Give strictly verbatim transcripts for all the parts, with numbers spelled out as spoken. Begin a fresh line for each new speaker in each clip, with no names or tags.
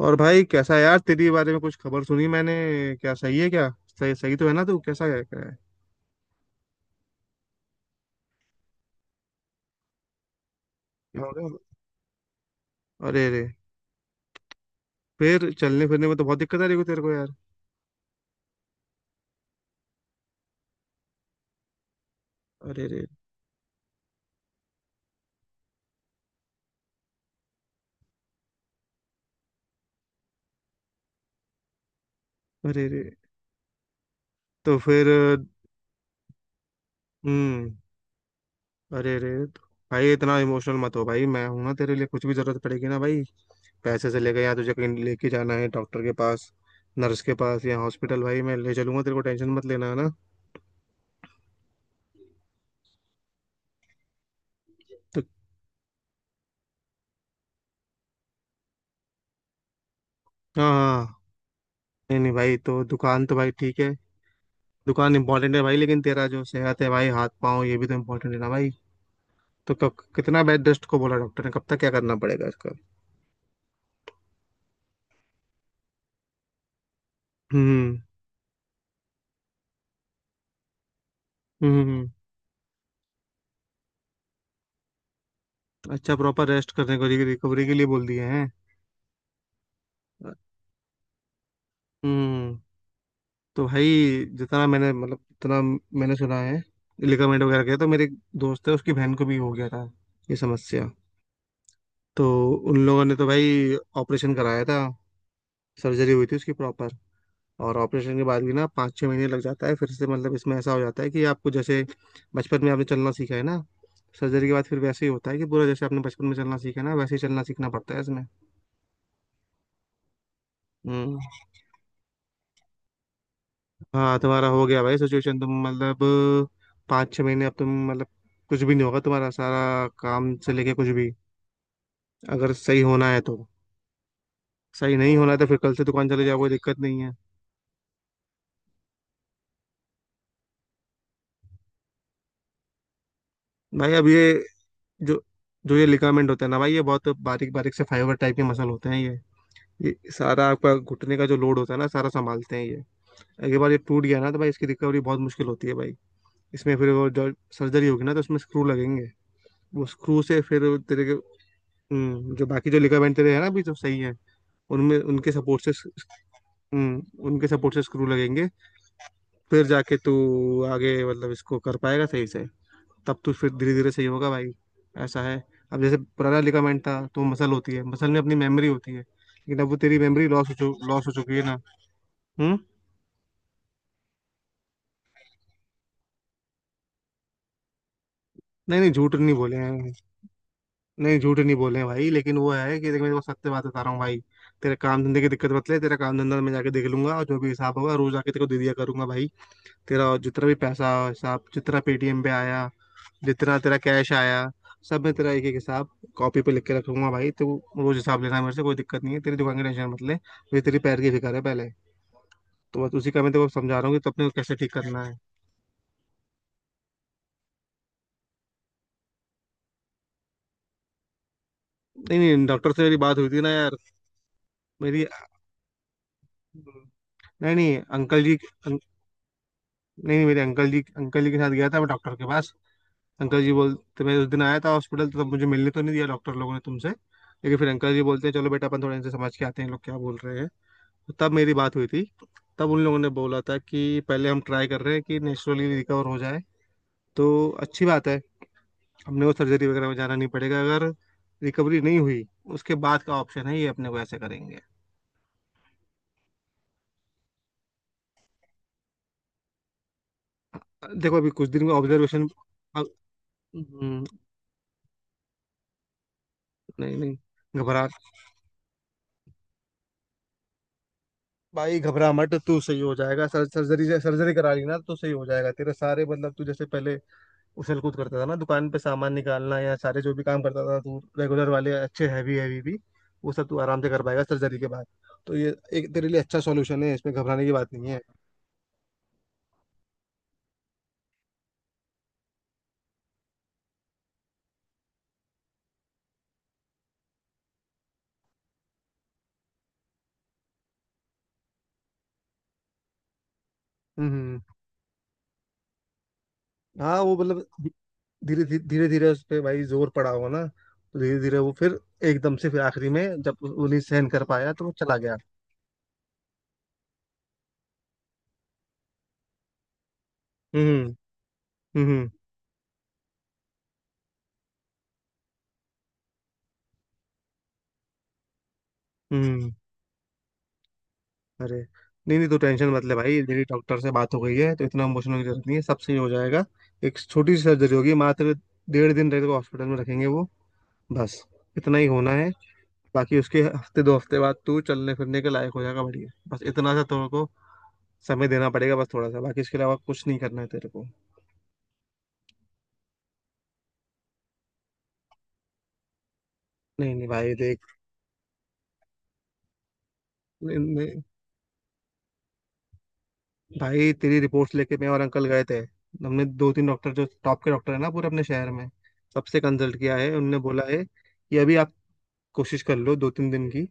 और भाई कैसा है यार, तेरी बारे में कुछ खबर सुनी मैंने। क्या सही है क्या? सही सही तो है ना, तू कैसा है, क्या है? क्या हो गया? अरे रे। फिर चलने फिरने में तो बहुत दिक्कत आ रही होगी तेरे को यार। अरे रे। अरे रे, तो फिर। हम्म। अरे रे, तो भाई इतना इमोशनल मत हो भाई, मैं हूं ना तेरे लिए, कुछ भी जरूरत पड़ेगी ना भाई, पैसे से लेके, यहाँ तुझे कहीं लेके जाना है डॉक्टर के पास, नर्स के पास या हॉस्पिटल, भाई मैं ले चलूंगा तेरे को, टेंशन मत लेना, है ना। तो हाँ हाँ, नहीं नहीं भाई, तो दुकान तो भाई ठीक है, दुकान इंपॉर्टेंट है भाई, लेकिन तेरा जो सेहत है भाई, हाथ पाँव, ये भी तो इम्पोर्टेंट है ना भाई। तो कब, कितना बेड रेस्ट को बोला डॉक्टर ने, कब तक क्या करना पड़ेगा इसका? हम्म हम्म। हम्म। हम्म। अच्छा, प्रॉपर रेस्ट करने को रिकवरी के लिए बोल दिए हैं। हम्म। तो भाई जितना मैंने मतलब जितना मैंने सुना है, लिगामेंट वगैरह गया, तो मेरे दोस्त है, उसकी बहन को भी हो गया था ये समस्या, तो उन लोगों ने तो भाई ऑपरेशन कराया था, सर्जरी हुई थी उसकी प्रॉपर। और ऑपरेशन के बाद भी ना पाँच छः महीने लग जाता है फिर से, मतलब इसमें ऐसा हो जाता है कि आपको जैसे बचपन में आपने चलना सीखा है ना, सर्जरी के बाद फिर वैसे ही होता है कि पूरा जैसे आपने बचपन में चलना सीखा है ना, वैसे ही चलना सीखना पड़ता है इसमें। हम्म। हाँ, तुम्हारा हो गया भाई सिचुएशन, तुम मतलब पाँच छः महीने अब तुम मतलब कुछ भी नहीं होगा, तुम्हारा सारा काम से लेके कुछ भी, अगर सही होना है तो। सही नहीं होना है तो फिर कल से दुकान चले जाओ, कोई दिक्कत नहीं है। भाई अब ये जो, जो ये लिगामेंट होता है ना भाई, ये बहुत बारीक बारीक से फाइबर टाइप के मसल होते हैं ये। ये सारा आपका घुटने का जो लोड होता है ना, सारा संभालते हैं ये। अगली बार ये टूट गया ना, तो भाई इसकी रिकवरी बहुत मुश्किल होती है भाई। इसमें फिर वो जो सर्जरी होगी ना, तो उसमें स्क्रू लगेंगे। वो स्क्रू से फिर तेरे के, हम्म, जो बाकी जो लिगामेंट तेरे है ना अभी जो सही है, उनमें उनके सपोर्ट से, हम्म, उनके सपोर्ट से स्क्रू लगेंगे। फिर जाके तू आगे मतलब इसको कर पाएगा सही से। तब तू फिर धीरे धीरे सही होगा भाई। ऐसा है, अब जैसे पुराना लिगामेंट था, तो मसल होती है, मसल में अपनी मेमोरी होती है, लेकिन अब वो तेरी मेमोरी लॉस हो चु लॉस हो चुकी है ना। हम्म? नहीं नहीं, झूठ नहीं बोले हैं। नहीं, झूठ नहीं बोले हैं भाई, लेकिन वो है कि देख, मैं तेरे को सत्य बात बता रहा हूँ भाई। तेरे काम धंधे की दिक्कत मत ले, तेरा काम धंधा मैं जाके देख लूंगा, और जो भी हिसाब होगा रोज आके तेरे को दे दिया करूंगा भाई। तेरा जितना भी पैसा हिसाब, जितना पेटीएम पे आया, जितना तेरा कैश आया, सब मैं तेरा एक एक हिसाब कॉपी पे लिख के रखूंगा भाई। तो रोज हिसाब लेना मेरे से, कोई दिक्कत नहीं है। तेरी दुकान की टेंशन मत ले, मुझे तेरी पैर की फिक्र है पहले। तो बस उसी का मैं तेरे को समझा रहा हूँ कि तो अपने को कैसे ठीक करना है। नहीं नहीं, डॉक्टर से मेरी बात हुई थी ना यार। मेरी, नहीं नहीं, अंकल जी, नहीं, मेरे अंकल जी, अंकल जी के साथ गया था मैं डॉक्टर के पास। अंकल जी बोलते, मैं उस दिन आया था हॉस्पिटल, तो तब मुझे मिलने तो नहीं दिया डॉक्टर लोगों ने तुमसे, लेकिन फिर अंकल जी बोलते हैं चलो बेटा अपन थोड़ा इनसे समझ के आते हैं ये लोग क्या बोल रहे हैं। तो तब मेरी बात हुई थी। तब उन लोगों ने बोला था कि पहले हम ट्राई कर रहे हैं कि नेचुरली रिकवर हो जाए, तो अच्छी बात है, हमने वो सर्जरी वगैरह में जाना नहीं पड़ेगा। अगर रिकवरी नहीं हुई, उसके बाद का ऑप्शन है ये, अपने को ऐसे करेंगे। देखो अभी कुछ दिन में ऑब्जर्वेशन। नहीं नहीं। घबरा, भाई घबरा मत तू, सही हो जाएगा। सर, सर्जरी से, सर्जरी करा ली ना, तो सही हो जाएगा। तेरे सारे मतलब तू जैसे पहले उछल कूद करता था ना दुकान पे, सामान निकालना या सारे जो भी काम करता था तू रेगुलर वाले, अच्छे हैवी हैवी भी, वो सब तू आराम से कर पाएगा सर्जरी के बाद। तो ये एक तेरे लिए अच्छा सॉल्यूशन है, इसमें घबराने की बात नहीं है। हम्म। हाँ, वो मतलब धी- धीरे धीरे धीरे धीरे उस पर भाई जोर पड़ा हो ना, तो धीरे धीरे वो फिर एकदम से फिर आखिरी में जब उन्हें सहन कर पाया तो वो चला गया। हम्म। हम्म। हम्म। अरे, नहीं नहीं, तो टेंशन मत ले भाई, मेरी डॉक्टर से बात हो गई है, तो इतना इमोशनल होने की जरूरत नहीं है, सब सही हो जाएगा। एक छोटी सी सर्जरी होगी मात्र। डेढ़ दिन तेरे को हॉस्पिटल में रखेंगे वो, बस इतना ही होना है। बाकी उसके हफ्ते दो हफ्ते बाद तू चलने फिरने के लायक हो जाएगा, बढ़िया। बस इतना सा तेरे को समय देना पड़ेगा, बस थोड़ा सा, बाकी इसके अलावा कुछ नहीं करना है तेरे को। नहीं नहीं भाई, देख, नहीं, नहीं, भाई तेरी रिपोर्ट्स लेके मैं और अंकल गए थे। हमने दो तीन डॉक्टर जो टॉप के डॉक्टर है ना पूरे अपने शहर में, सबसे कंसल्ट किया है, उनने बोला है कि अभी आप कोशिश कर लो दो तीन दिन की,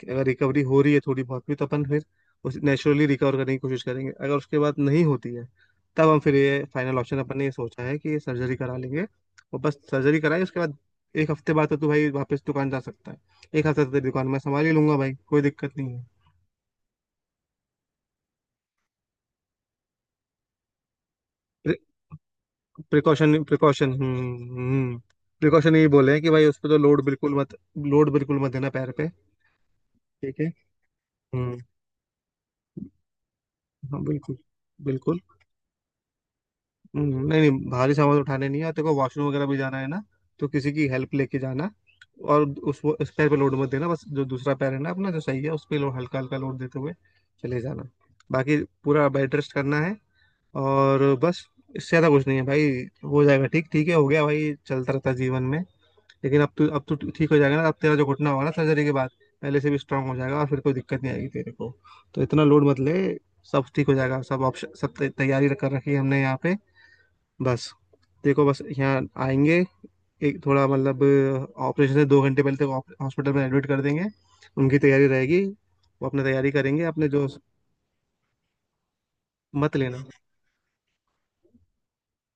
कि अगर रिकवरी हो रही है थोड़ी बहुत भी तो अपन फिर उस नेचुरली रिकवर करने की कोशिश करेंगे। अगर उसके बाद नहीं होती है, तब हम फिर ये फाइनल ऑप्शन अपन ने ये सोचा है कि सर्जरी करा लेंगे, और बस सर्जरी कराई उसके बाद, एक हफ्ते बाद तो तू भाई वापस दुकान जा सकता है। एक हफ्ते तो तेरी दुकान मैं संभाल ही लूंगा भाई, कोई दिक्कत नहीं है। Precaution, precaution. हम्म। प्रिकॉशन ये बोले हैं कि भाई उस पर तो लोड बिल्कुल मत, लोड बिल्कुल मत देना पैर पे। ठीक है। हम्म। हाँ बिल्कुल, बिल्कुल। हम्म, नहीं नहीं, भारी सामान उठाने नहीं है, और तेरे को वॉशरूम वगैरह भी जाना है ना, तो किसी की हेल्प लेके जाना। और उस वो- उस पैर पे लोड मत देना, बस जो दूसरा पैर है ना अपना जो सही है उस पे लो- हल्का हल्का लोड देते हुए चले जाना। बाकी पूरा बेड रेस्ट करना है, और बस इससे ज्यादा कुछ नहीं है भाई। हो जाएगा ठीक, ठीक है, हो गया भाई, चलता रहता है जीवन में। लेकिन अब तू, अब तू ठीक हो जाएगा ना, अब तेरा जो घुटना होगा ना सर्जरी के बाद, पहले से भी स्ट्रांग हो जाएगा और फिर कोई दिक्कत नहीं आएगी तेरे को। तो इतना लोड मत ले, सब ठीक हो जाएगा। सब ऑप्शन, सब तै- तैयारी कर रखी है हमने यहाँ पे, बस। देखो, बस यहाँ आएंगे, एक थोड़ा मतलब, ऑपरेशन से दो घंटे पहले तक हॉस्पिटल में एडमिट कर देंगे, उनकी तैयारी रहेगी, वो अपने तैयारी करेंगे अपने जो। मत लेना।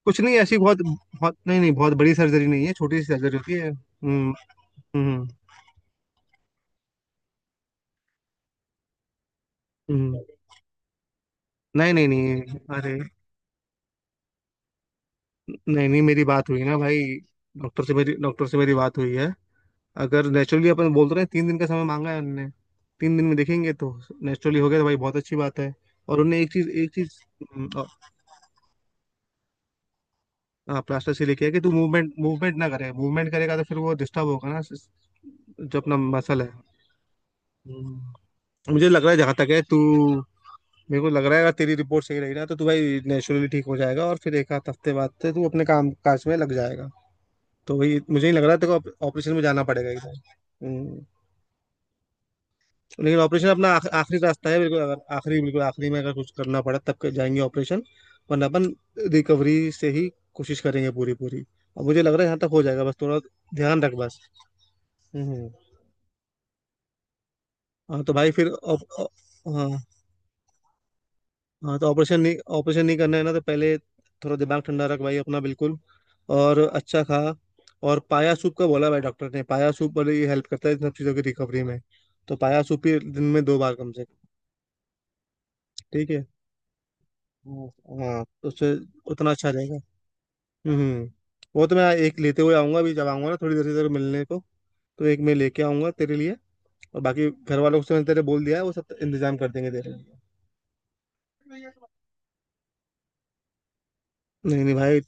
कुछ नहीं ऐसी बहुत बहुत, नहीं नहीं, बहुत बड़ी सर्जरी नहीं है, छोटी सी सर्जरी होती है। हम्म। हम्म। हम्म। नहीं नहीं नहीं। अरे, नहीं नहीं, मेरी बात हुई ना भाई डॉक्टर से, मेरी डॉक्टर से मेरी बात हुई है। अगर नेचुरली अपन बोल तो रहे हैं, तीन दिन का समय मांगा है उनने, तीन दिन में देखेंगे तो नेचुरली हो गया तो भाई बहुत अच्छी बात है। और उनने एक चीज, एक चीज, हाँ, प्लास्टर से लेके है कि तू मूवमेंट मूवमेंट ना करे, मूवमेंट करेगा तो फिर वो डिस्टर्ब होगा ना, जो अपना मसल है। हम्म। मुझे लग रहा है जहाँ तक है, तू, मेरे को लग रहा है अगर तेरी रिपोर्ट सही रही ना तो तू भाई नेचुरली ठीक हो जाएगा, और फिर एक आध हफ्ते बाद से तू अपने काम काज में लग जाएगा। तो वही, मुझे नहीं लग रहा तेरे को ऑपरेशन में जाना पड़ेगा, एकदम। हम्म। लेकिन ऑपरेशन अपना आख, आखिरी रास्ता है बिल्कुल, अगर आखिरी बिल्कुल आखिरी में अगर कुछ करना पड़ा तब के जाएंगे ऑपरेशन, वरना अपन रिकवरी से ही कोशिश करेंगे पूरी पूरी। अब मुझे लग रहा है यहाँ तक हो जाएगा, बस थोड़ा ध्यान रख बस। हम्म। हाँ तो भाई फिर ऑप- ऑ- हाँ, हाँ तो ऑपरेशन नहीं, ऑपरेशन नहीं करना है ना, तो पहले थोड़ा दिमाग ठंडा रख भाई अपना बिल्कुल, और अच्छा खा। और पाया सूप का बोला भाई डॉक्टर ने, पाया सूप वाले ये हेल्प करता है इन सब चीज़ों की रिकवरी में, तो पाया सूप ही दिन में दो बार कम से कम। ठीक है। हाँ। हाँ, तो उससे उतना अच्छा रहेगा। हम्म। वो तो मैं एक लेते हुए आऊंगा अभी, जब आऊंगा ना थोड़ी देर से तेरे को मिलने को, तो एक मैं लेके आऊंगा तेरे लिए, और बाकी घर वालों से मैंने तेरे बोल दिया है, वो सब इंतजाम कर देंगे तेरे लिए। नहीं नहीं भाई,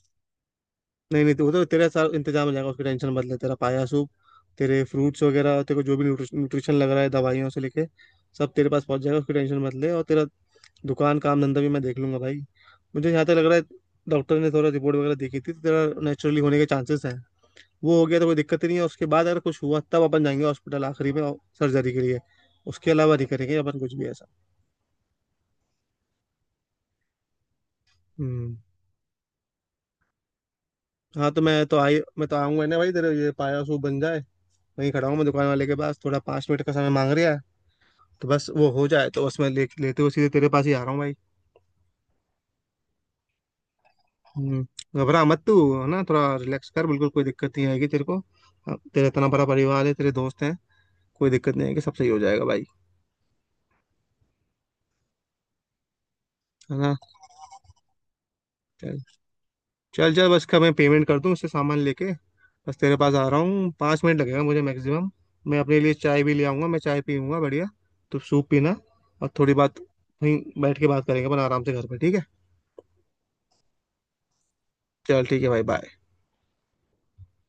नहीं नहीं, तो वो तो तेरा सारा इंतजाम हो जाएगा, उसकी टेंशन मत ले। तेरा पाया सूप, तेरे फ्रूट्स वगैरह, तेरे को जो भी न्यूट्रिशन लग रहा है दवाइयों से लेके, सब तेरे पास पहुंच जाएगा, उसकी टेंशन मत ले, और तेरा दुकान काम धंधा भी मैं देख लूंगा भाई। मुझे यहाँ तक लग रहा है, डॉक्टर ने थोड़ा रिपोर्ट वगैरह देखी थी तो तेरा नेचुरली होने के चांसेस हैं। वो हो गया तो कोई दिक्कत ही नहीं है। उसके बाद अगर कुछ हुआ तब अपन जाएंगे हॉस्पिटल आखिरी में, सर्जरी के लिए। उसके अलावा नहीं करेंगे अपन कुछ भी ऐसा। हम्म। हाँ तो मैं तो आई मैं तो आऊंगा ना भाई तेरे, ये पाया सूप बन जाए। वहीं खड़ा हूँ मैं दुकान वाले के पास, थोड़ा पाँच मिनट का समय मांग रहा है, तो बस वो हो जाए, तो बस मैं ले, लेते हुए सीधे तेरे पास ही आ रहा हूँ भाई। हम्म, घबरा मत तू, है ना, थोड़ा रिलैक्स कर बिल्कुल, कोई दिक्कत नहीं आएगी तेरे को। अब तेरा इतना बड़ा परिवार है, तेरे दोस्त हैं, कोई दिक्कत नहीं आएगी, सब सही हो जाएगा भाई। है ना, चल। चल चल, बस का मैं पेमेंट कर दूँ, उससे सामान लेके बस तेरे पास आ रहा हूँ, पाँच मिनट लगेगा मुझे मैक्सिमम। मैं अपने लिए चाय भी ले आऊँगा, मैं चाय पीऊँगा बढ़िया, तू सूप पीना, और थोड़ी बात वहीं बैठ के बात करेंगे अपन आराम से घर पे, ठीक है। चल ठीक है भाई, बाय।